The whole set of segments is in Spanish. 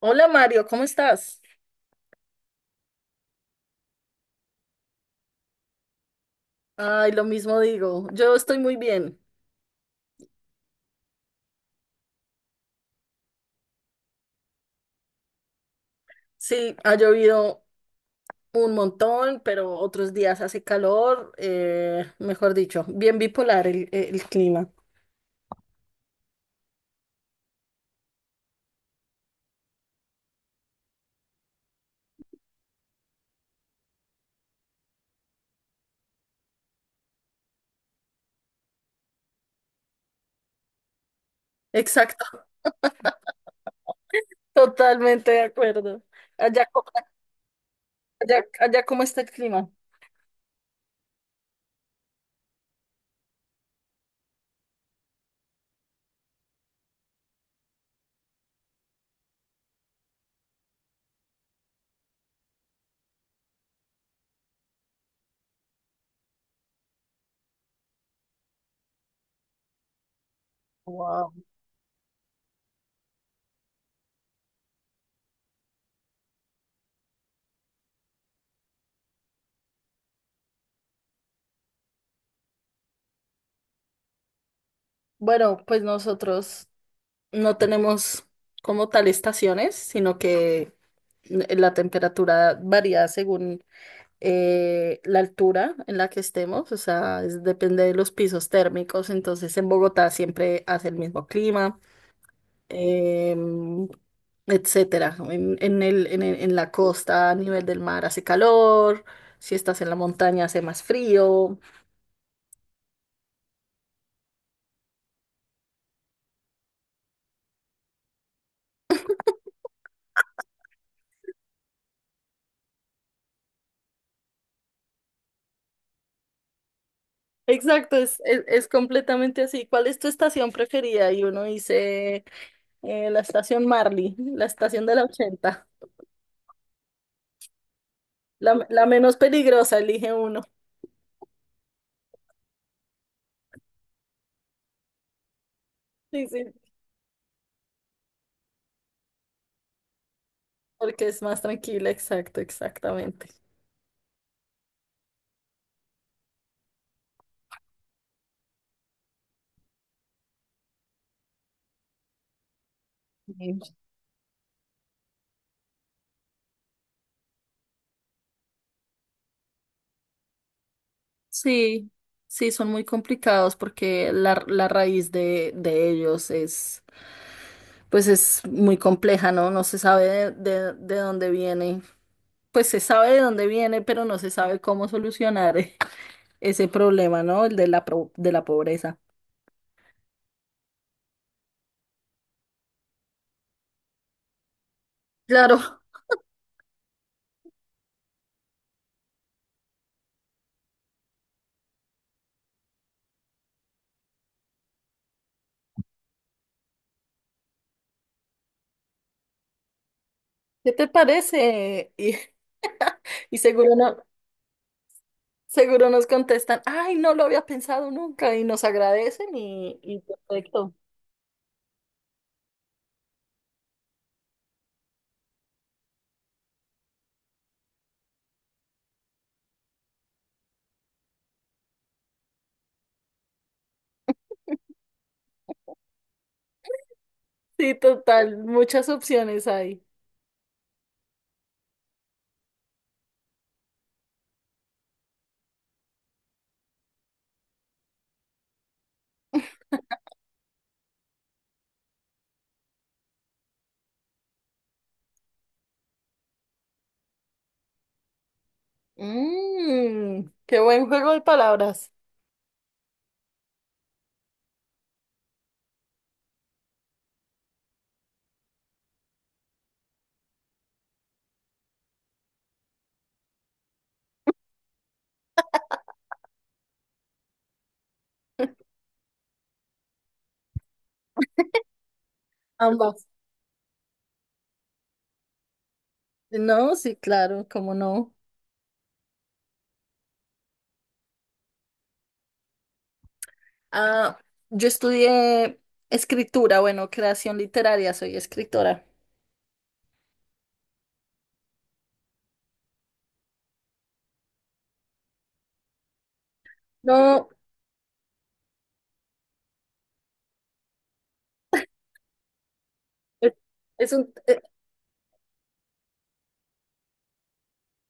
Hola Mario, ¿cómo estás? Ay, lo mismo digo, yo estoy muy bien. Sí, ha llovido un montón, pero otros días hace calor, mejor dicho, bien bipolar el clima. Exacto, totalmente de acuerdo. Allá, allá, allá, ¿cómo está el clima? Wow. Bueno, pues nosotros no tenemos como tal estaciones, sino que la temperatura varía según la altura en la que estemos, o sea, depende de los pisos térmicos, entonces en Bogotá siempre hace el mismo clima, em, etcétera. ¿No? En la costa, a nivel del mar, hace calor, si estás en la montaña, hace más frío. Exacto, es completamente así. ¿Cuál es tu estación preferida? Y uno dice, la estación Marley, la estación de la ochenta, la menos peligrosa, elige uno. Sí, sí, porque es más tranquila, exacto, exactamente. Sí. Sí, sí, son muy complicados porque la raíz de ellos es, pues es muy compleja, ¿no? No se sabe de dónde viene, pues se sabe de dónde viene, pero no se sabe cómo solucionar ese problema, ¿no? El de la, de la pobreza. Claro, ¿qué te parece? Y seguro no, seguro nos contestan, ay, no lo había pensado nunca y nos agradecen y perfecto. Sí, total, muchas opciones hay. Mm, qué buen juego de palabras. Ambas. No, sí, claro, cómo no. Ah, yo estudié escritura, bueno, creación literaria, soy escritora. No, es, es un...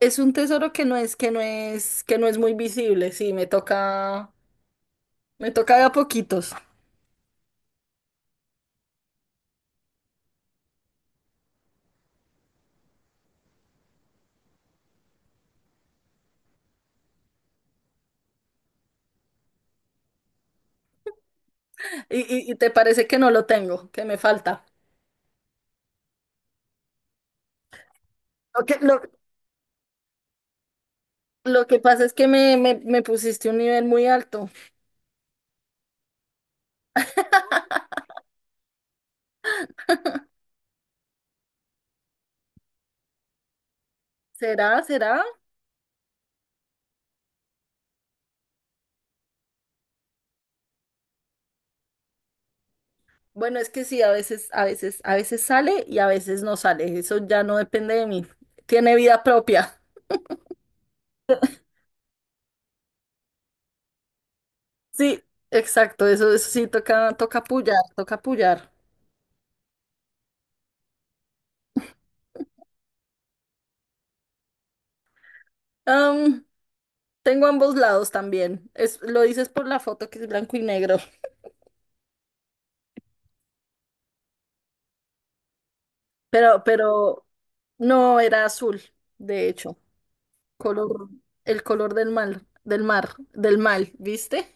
es un tesoro que no es, que no es, que no es muy visible, sí, me toca de a poquitos. Y te parece que no lo tengo, que me falta. Lo que, lo, lo que pasa es que me pusiste un nivel muy alto. ¿Será? ¿Será? Bueno, es que sí, a veces, a veces, a veces sale y a veces no sale. Eso ya no depende de mí. Tiene vida propia. Sí, exacto. Eso sí toca, toca apoyar, toca apoyar. Am, tengo ambos lados también. Es, lo dices por la foto que es blanco y negro. Pero no era azul, de hecho. Color, el color del mar, del mar, del mal, ¿viste?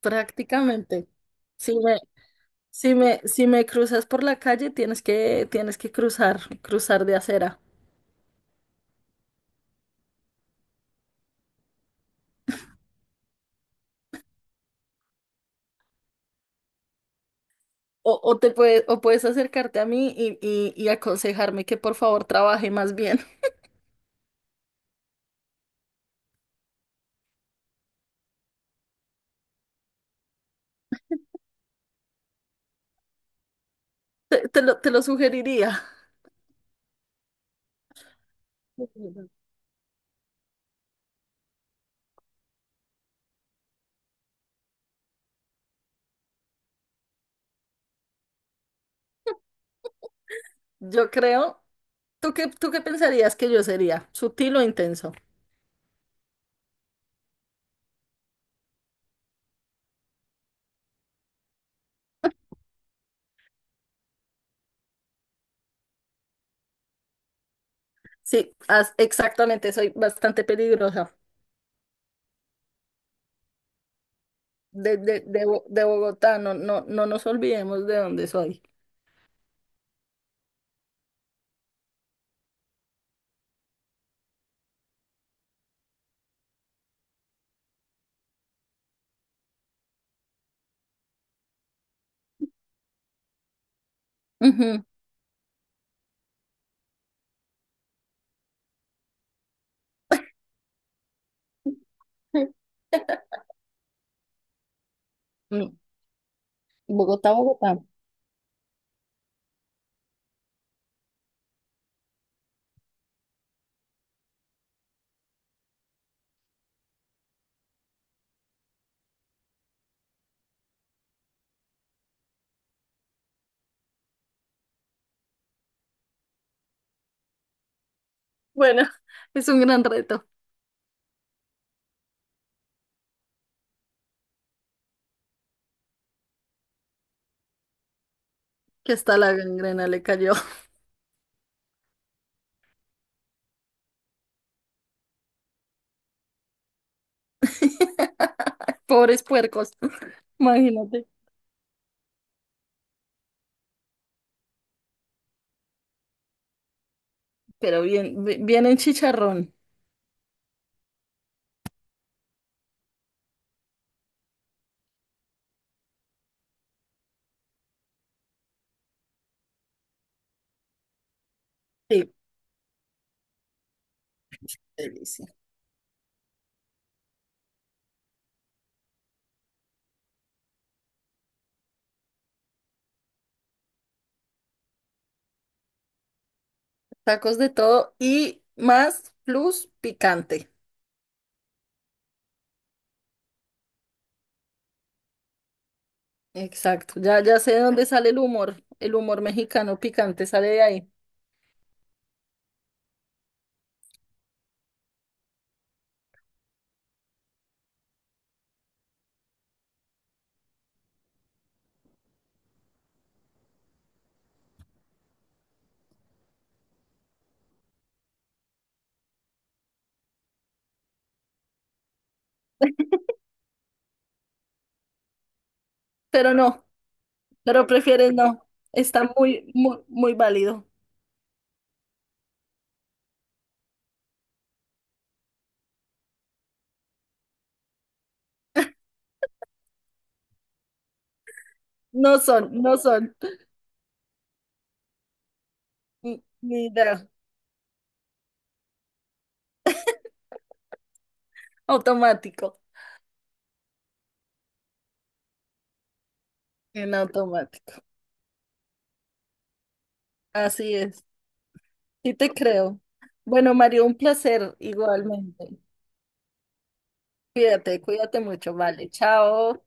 Prácticamente. Sí, me, Si me, si me cruzas por la calle, tienes que cruzar, cruzar de acera. O te puedes, o puedes acercarte a mí y, y aconsejarme que por favor trabaje más bien. Te lo sugeriría. Yo creo. Tú qué pensarías que yo sería? ¿Sutil o intenso? Sí, exactamente, soy bastante peligrosa. De Bogotá, no, no, no nos olvidemos de dónde soy. Ujú. Mm, Bogotá, Bogotá. Bueno, es un gran reto. Que hasta la gangrena le cayó. Pobres puercos, imagínate. Pero bien, bien en chicharrón. Sí, delicia. Tacos de todo y más plus picante. Exacto, ya, ya sé de dónde sale el humor. El humor mexicano picante sale de ahí. Pero no, pero prefieres no. Está muy, muy, muy válido. No son, no son. Ni ni idea. Automático. En automático. Así es. Sí te creo. Bueno, Mario, un placer igualmente. Cuídate, cuídate mucho. Vale, chao.